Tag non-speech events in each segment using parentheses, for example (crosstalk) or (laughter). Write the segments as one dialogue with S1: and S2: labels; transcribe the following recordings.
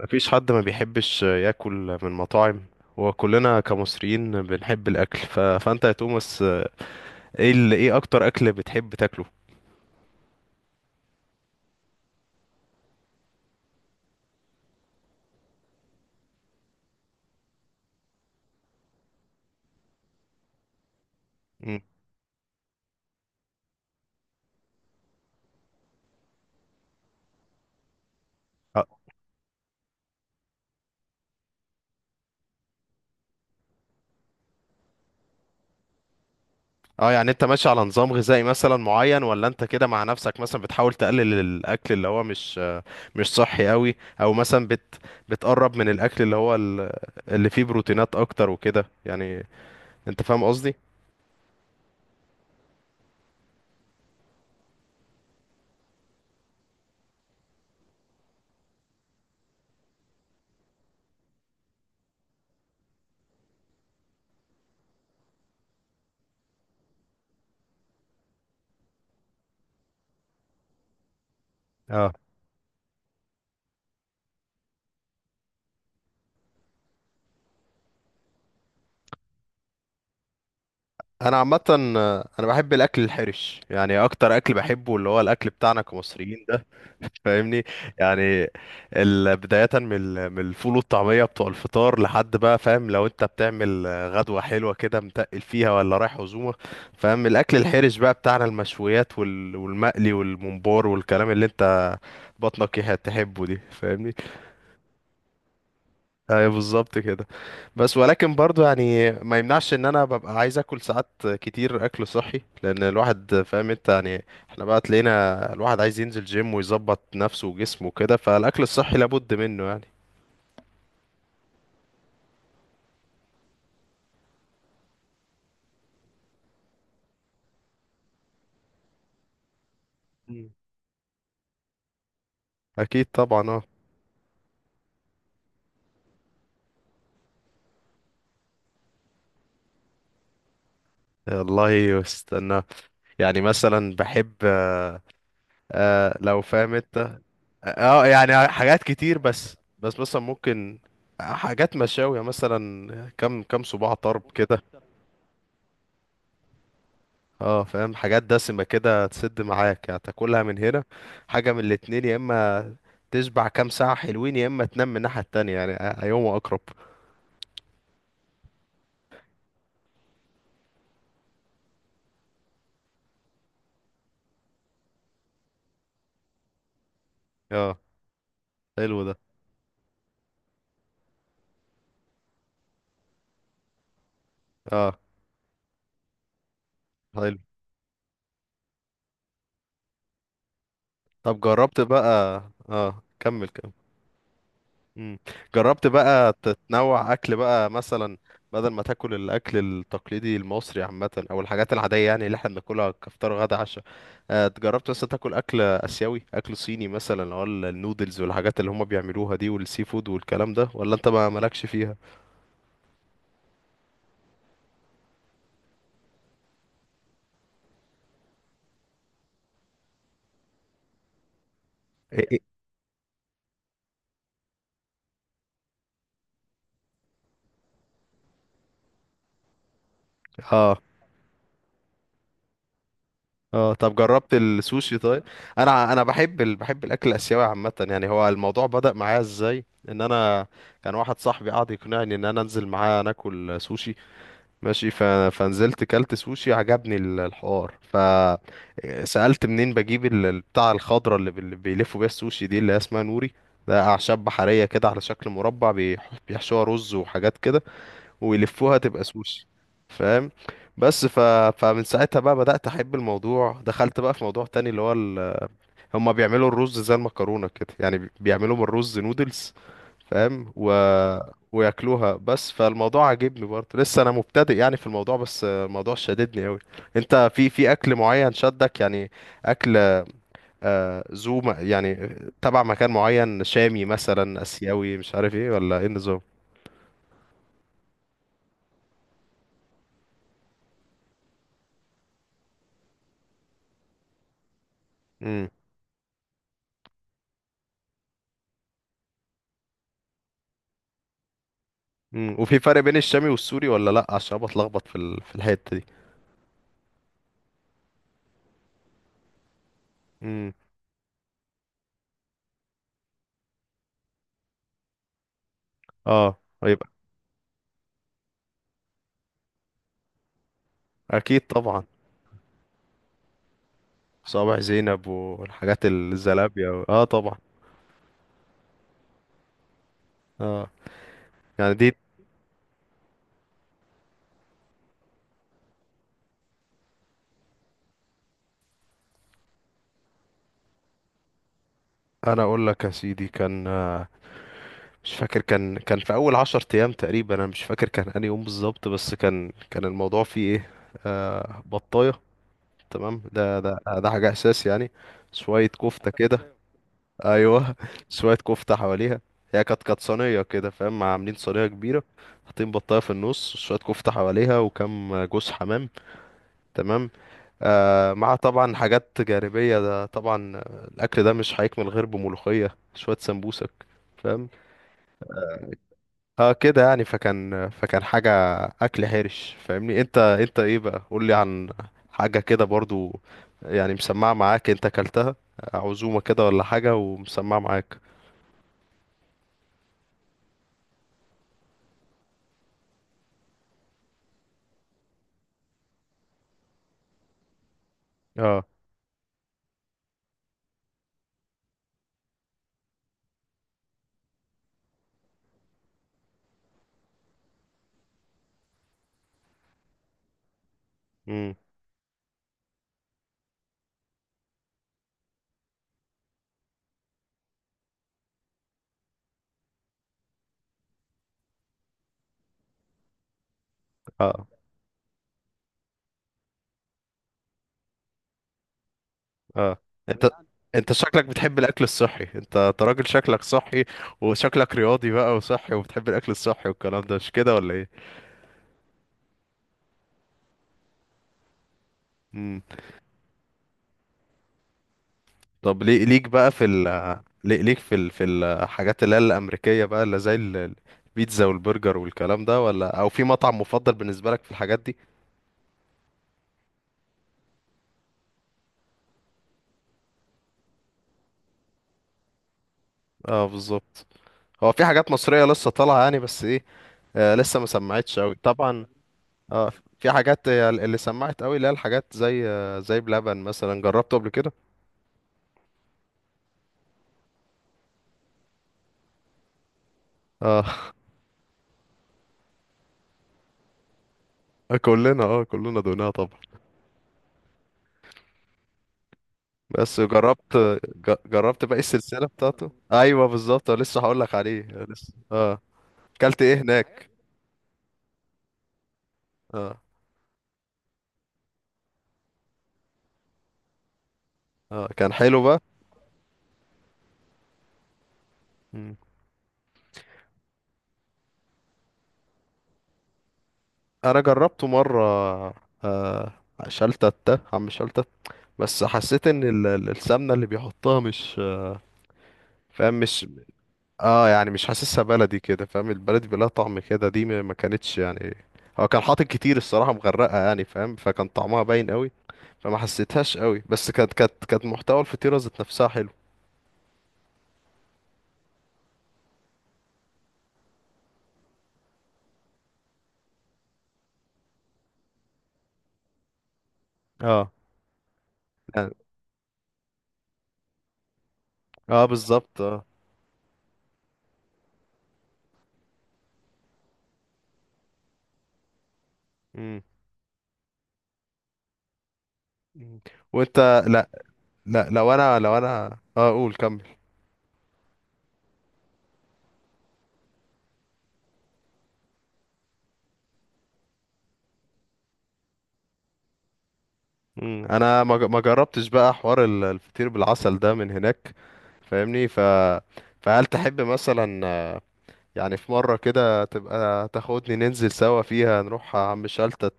S1: مفيش حد ما بيحبش ياكل من مطاعم، وكلنا كمصريين بنحب الاكل فانت يا توماس، ايه ايه اكتر اكل بتحب تاكله؟ مم. اه يعني انت ماشي على نظام غذائي مثلا معين، ولا انت كده مع نفسك مثلا بتحاول تقلل الاكل اللي هو مش مش صحي قوي، او مثلا بتقرب من الاكل اللي هو اللي فيه بروتينات اكتر وكده، يعني انت فاهم قصدي؟ اه انا عامه انا بحب الاكل الحرش، يعني اكتر اكل بحبه اللي هو الاكل بتاعنا كمصريين، فاهمني؟ يعني بداية من من الفول والطعمية بتوع الفطار لحد بقى فاهم، لو انت بتعمل غدوة حلوة كده متقل فيها ولا رايح عزومة، فاهم؟ الأكل الحرش بقى بتاعنا المشويات والمقلي والممبار والكلام اللي انت بطنك تحبه دي، فاهمني؟ ايوه بالظبط كده. بس ولكن برضو، يعني ما يمنعش ان انا ببقى عايز اكل ساعات كتير اكل صحي، لان الواحد فاهم انت يعني، احنا بقى تلاقينا الواحد عايز ينزل جيم ويظبط نفسه وجسمه وكده، فالاكل الصحي لابد منه يعني. مم. اكيد طبعا اه. والله استنى، يعني مثلا بحب لو فاهم انت. اه يعني حاجات كتير، بس مثلا ممكن حاجات مشاوية، مثلا كم صباع طرب كده. اه فاهم، حاجات دسمة كده تسد معاك يعني، تاكلها من هنا حاجة من الاتنين، يا اما تشبع كام ساعة حلوين، يا اما تنام من الناحية التانية يعني، أيهما أقرب؟ اه حلو ده. اه حلو. طب جربت بقى. اه كمل. مم. جربت بقى تتنوع اكل بقى، مثلا بدل ما تاكل الاكل التقليدي المصري عامه، او الحاجات العاديه يعني اللي احنا بناكلها كفطار غدا عشاء، جربت بس تاكل اكل اسيوي، اكل صيني مثلا، اللي هو النودلز والحاجات اللي هم بيعملوها دي، والسي فود والكلام ده، ولا انت ما مالكش فيها؟ إيه إيه؟ اه اه. طب جربت السوشي طيب؟ انا بحب بحب الاكل الاسيوي عامه، يعني هو الموضوع بدأ معايا ازاي؟ ان انا كان واحد صاحبي قعد يقنعني ان انا انزل معاه ناكل سوشي ماشي، فنزلت كلت سوشي، عجبني الحوار، فسألت منين بجيب بتاع الخضرة اللي بيلفوا بيها السوشي دي اللي هي اسمها نوري، ده أعشاب بحرية كده على شكل مربع، بيحشوها رز وحاجات كده ويلفوها تبقى سوشي، فاهم؟ بس ف... فمن ساعتها بقى بدأت أحب الموضوع، دخلت بقى في موضوع تاني اللي هو هما بيعملوا الرز زي المكرونة كده، يعني بيعملوا من الرز نودلز، فاهم؟ وياكلوها بس، فالموضوع عاجبني برضه، لسه انا مبتدئ يعني في الموضوع، بس الموضوع شددني قوي. انت في اكل معين شدك يعني؟ اكل يعني تبع مكان معين، شامي مثلا، اسيوي، مش عارف ايه، ولا ايه النظام؟ امم. امم، وفي فرق بين الشامي والسوري ولا لا؟ عشان أنا بتلخبط في في الحتة دي. امم. اه يبقى. اكيد طبعا. صابع زينب والحاجات، الزلابية اه طبعا. اه يعني دي، انا اقول لك يا سيدي، كان آه، مش فاكر، كان في اول 10 ايام تقريبا، انا مش فاكر كان انهي يوم بالظبط، بس كان الموضوع فيه ايه؟ آه بطاية تمام، ده حاجة اساس يعني، شوية كفتة كده. ايوه (laughs) شوية كفتة حواليها، هي كانت صينية كده، فاهم؟ عاملين صينية كبيرة، حاطين بطاية في النص، شوية كفتة حواليها وكم جوز حمام، تمام، مع طبعا حاجات جانبية ده طبعا، الأكل ده مش هيكمل غير بملوخية شوية سمبوسك، فاهم؟ اه كده يعني، فكان حاجة أكل حرش فاهمني. انت انت ايه بقى؟ قولي عن حاجة كده برضو، يعني مسمعة معاك انت أكلتها، عزومة كده ولا حاجة ومسمعة معاك. اه. امم. اه. اه. انت انت شكلك بتحب الأكل الصحي، انت أنت راجل شكلك صحي وشكلك رياضي بقى وصحي، وبتحب الأكل الصحي والكلام ده، مش كده ولا؟ ايه طب ليك بقى في ليك في في الحاجات اللي هي الأمريكية بقى، اللي زي البيتزا والبرجر والكلام ده، ولا أو في مطعم مفضل بالنسبة لك في الحاجات دي؟ اه بالظبط. هو في حاجات مصرية لسه طالعة يعني، بس ايه، آه لسه ما سمعتش أوي طبعا. اه في حاجات هي اللي سمعت أوي، اللي هي الحاجات زي زي بلبن مثلا، جربته قبل كده؟ اه (laughs) كلنا، اه كلنا دوقناها طبعا. بس جربت، جربت باقي السلسلة بتاعته؟ ايوه بالظبط لسه هقول لك عليه، لسه اه. اكلت ايه هناك؟ اه اه كان حلو بقى. مم. انا جربته مره آه شلتت عم شلتت، بس حسيت ان السمنه اللي بيحطها مش فاهم مش، اه يعني مش حاسسها بلدي كده، فاهم؟ البلدي بلا طعم كده، دي ما كانتش يعني، هو كان حاطط كتير الصراحه مغرقه يعني فاهم، فكان طعمها باين قوي، فما حسيتهاش قوي، بس كانت محتوى الفطيره ذات نفسها حلو. اه يعني. اه بالظبط اه. مم. مم. وانت؟ لا لا، لو انا اه قول كمل. مم. انا ما جربتش بقى حوار الفطير بالعسل ده من هناك، فاهمني؟ فهل تحب مثلا، يعني في مرة كده تبقى تاخدني ننزل سوا فيها نروح عم شلتت،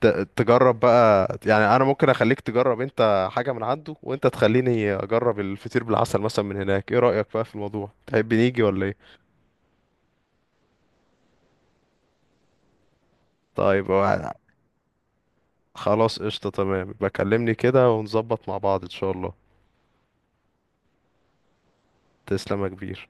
S1: ت... تجرب بقى، يعني انا ممكن اخليك تجرب انت حاجة من عنده، وانت تخليني اجرب الفطير بالعسل مثلا من هناك، ايه رأيك بقى في الموضوع؟ تحب نيجي ولا ايه؟ طيب هو- خلاص قشطة تمام، بكلمني كده ونظبط مع بعض ان شاء الله. تسلم يا كبير.